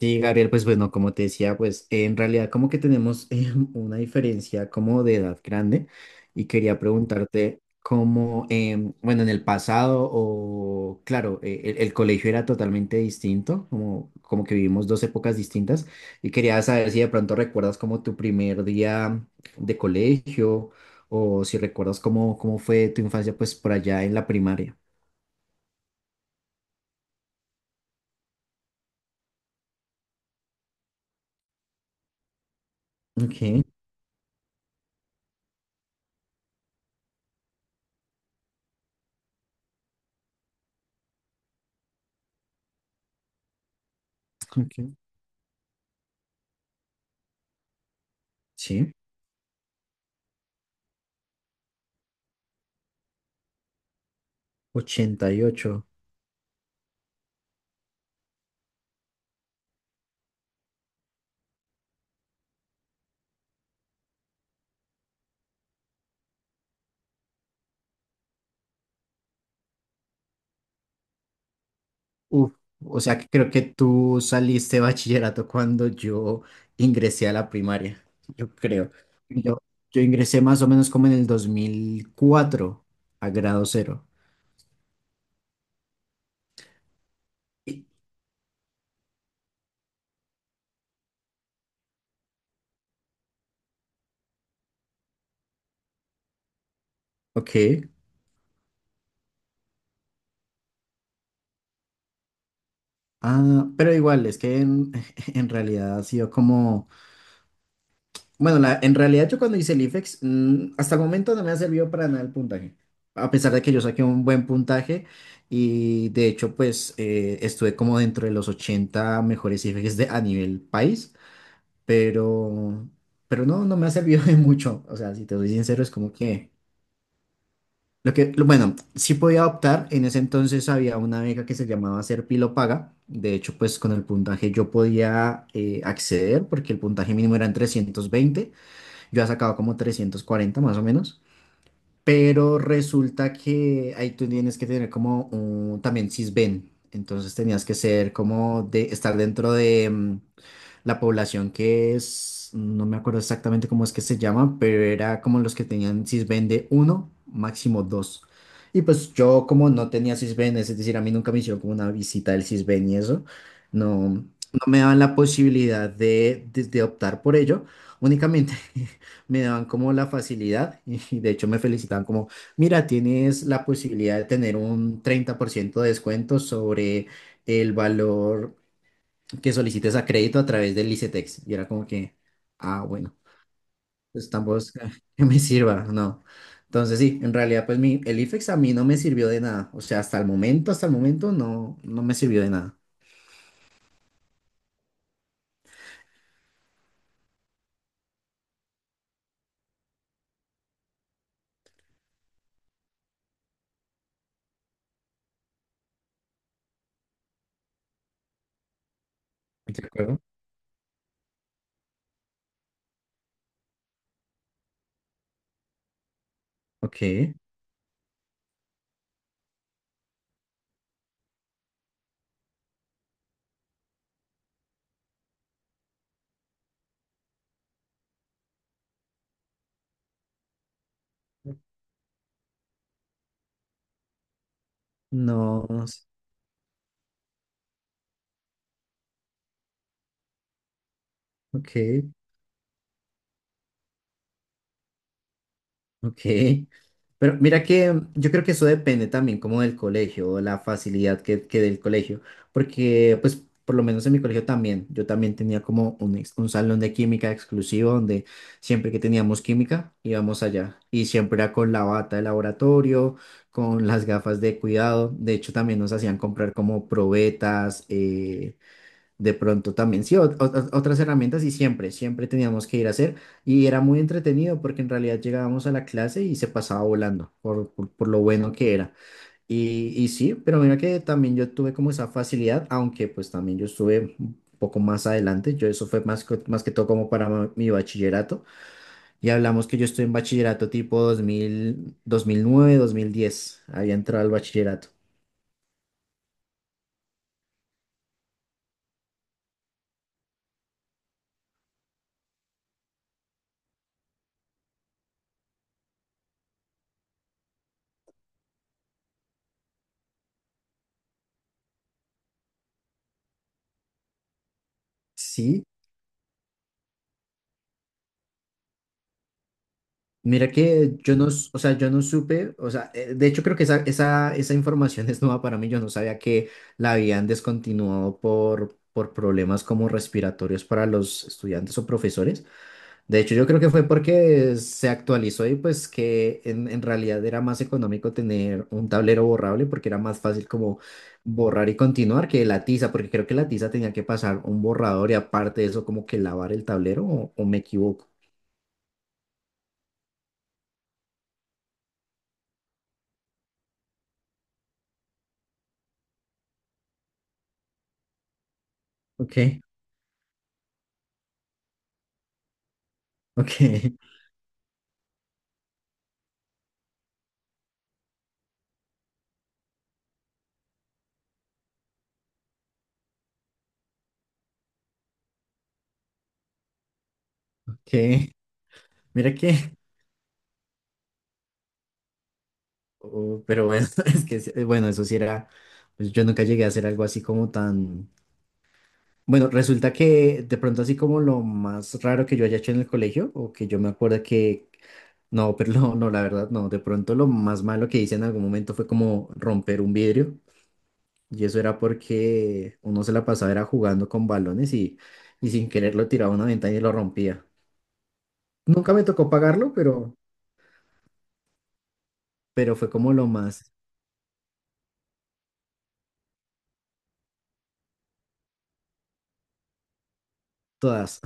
Sí, Gabriel, pues bueno, como te decía, pues en realidad como que tenemos una diferencia como de edad grande y quería preguntarte cómo, bueno, en el pasado o claro, el colegio era totalmente distinto, como, como que vivimos dos épocas distintas y quería saber si de pronto recuerdas como tu primer día de colegio o si recuerdas cómo, cómo fue tu infancia pues por allá en la primaria. Ok, ok, sí, 88. Uf, o sea que creo que tú saliste de bachillerato cuando yo ingresé a la primaria, yo creo. Yo, yo ingresé más o menos como en el 2004 a grado cero. Y- Ok. Ah, pero igual, es que en, en realidad ha sido como... Bueno, la, en realidad yo cuando hice el IFEX, hasta el momento no me ha servido para nada el puntaje. A pesar de que yo saqué un buen puntaje y de hecho pues estuve como dentro de los 80 mejores IFEX de, a nivel país. pero, pero no, no me ha servido de mucho. O sea, si te soy sincero, es como que lo que, bueno, sí podía optar. En ese entonces había una beca que se llamaba Serpilo Paga. De hecho, pues con el puntaje yo podía acceder porque el puntaje mínimo era en 20. Yo ya sacaba como 340 más o menos. Pero resulta que ahí tú tienes que tener como un, también Sisbén. Entonces tenías que ser como de estar dentro de la población que es, no me acuerdo exactamente cómo es que se llaman pero era como los que tenían Sisbén uno, máximo dos. Y pues yo como no tenía Sisbén, es decir, a mí nunca me hicieron como una visita del Sisbén y eso, no, no me daban la posibilidad de optar por ello, únicamente me daban como la facilidad y de hecho me felicitaban como, mira, tienes la posibilidad de tener un 30% de descuento sobre el valor que solicites a crédito a través del ICETEX. Y era como que, ah, bueno, pues tampoco es que que me sirva, no. Entonces sí, en realidad pues mi, el IFEX a mí no me sirvió de nada. O sea, hasta el momento no, no me sirvió de nada. ¿De acuerdo? Ok, no, no sé. Ok. Ok, pero mira que yo creo que eso depende también como del colegio, o la facilidad que del colegio, porque pues por lo menos en mi colegio también, yo también tenía como un, un salón de química exclusivo donde siempre que teníamos química íbamos allá y siempre era con la bata de laboratorio, con las gafas de cuidado, de hecho también nos hacían comprar como probetas, de pronto también, sí, otras herramientas y siempre, siempre teníamos que ir a hacer y era muy entretenido porque en realidad llegábamos a la clase y se pasaba volando por lo bueno que era. Y sí, pero mira que también yo tuve como esa facilidad, aunque pues también yo estuve un poco más adelante, yo eso fue más, más que todo como para mi bachillerato y hablamos que yo estoy en bachillerato tipo 2000, 2009, 2010, había entrado al bachillerato. Sí. Mira que yo no, o sea, yo no supe, o sea, de hecho creo que esa información es nueva para mí, yo no sabía que la habían descontinuado por problemas como respiratorios para los estudiantes o profesores. De hecho, yo creo que fue porque se actualizó y pues que en realidad era más económico tener un tablero borrable porque era más fácil como borrar y continuar que la tiza, porque creo que la tiza tenía que pasar un borrador y aparte de eso como que lavar el tablero o me equivoco. Ok, ok, ok. Mira que, oh, pero bueno, es que, sí, bueno, eso sí era, pues yo nunca llegué a hacer algo así como tan, bueno, resulta que de pronto así como lo más raro que yo haya hecho en el colegio, o que yo me acuerdo que, no, pero no, no, la verdad, no, de pronto lo más malo que hice en algún momento fue como romper un vidrio, y eso era porque uno se la pasaba era jugando con balones y sin querer lo tiraba a una ventana y lo rompía. Nunca me tocó pagarlo, pero fue como lo más, todas,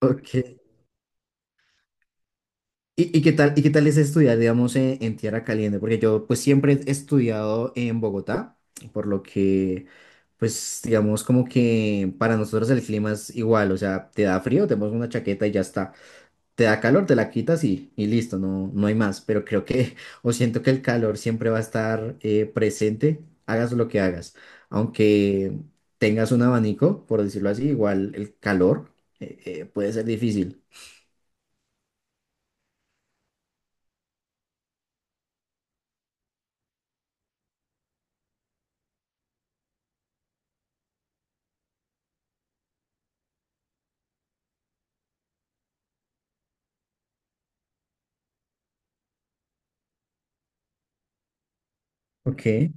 ok. Y qué tal es estudiar, digamos, en tierra caliente? Porque yo, pues, siempre he estudiado en Bogotá, por lo que, pues, digamos, como que para nosotros el clima es igual, o sea, te da frío, te pones una chaqueta y ya está. Te da calor, te la quitas y listo, no, no hay más. Pero creo que, o siento que el calor siempre va a estar presente, hagas lo que hagas. Aunque tengas un abanico, por decirlo así, igual el calor puede ser difícil. Ok,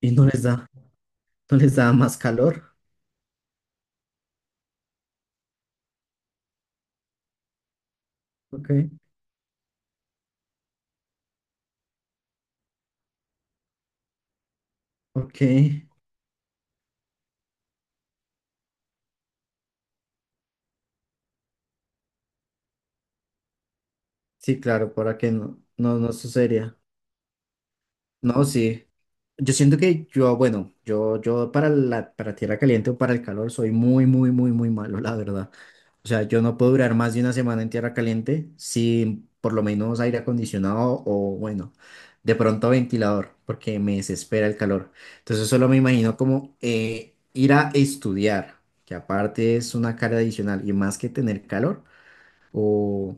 y no les da. No les daba más calor. Ok, ok. Sí, claro, para que no, no, no sucedería. No, sí. Yo siento que yo, bueno, yo para la, para tierra caliente o para el calor soy muy, muy, muy, muy malo, la verdad. O sea, yo no puedo durar más de una semana en tierra caliente sin por lo menos aire acondicionado o, bueno, de pronto ventilador, porque me desespera el calor. Entonces solo me imagino como ir a estudiar, que aparte es una carga adicional y más que tener calor. O,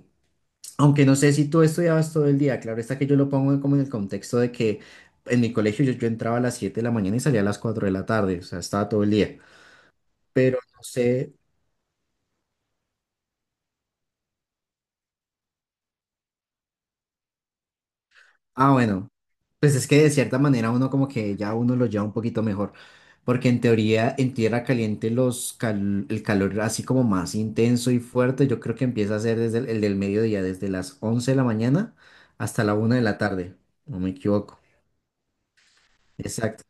aunque no sé si tú estudiabas todo el día, claro está que yo lo pongo como en el contexto de que en mi colegio yo, yo entraba a las 7 de la mañana y salía a las 4 de la tarde, o sea, estaba todo el día. Pero no sé, ah, bueno, pues es que de cierta manera uno como que ya uno lo lleva un poquito mejor, porque en teoría en tierra caliente los el calor así como más intenso y fuerte, yo creo que empieza a ser desde el del mediodía, desde las 11 de la mañana hasta la 1 de la tarde, no me equivoco. Exacto.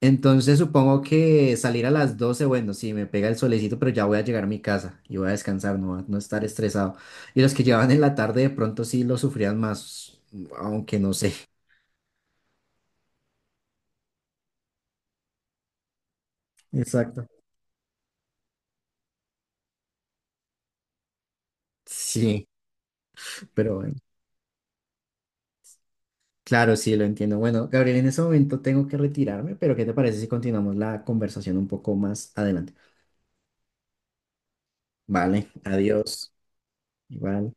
Entonces supongo que salir a las 12, bueno, sí, me pega el solecito, pero ya voy a llegar a mi casa y voy a descansar, no, no estar estresado. Y los que llevaban en la tarde de pronto sí lo sufrían más, aunque no sé. Exacto. Sí, pero bueno, claro, sí, lo entiendo. Bueno, Gabriel, en ese momento tengo que retirarme, pero ¿qué te parece si continuamos la conversación un poco más adelante? Vale, adiós. Igual.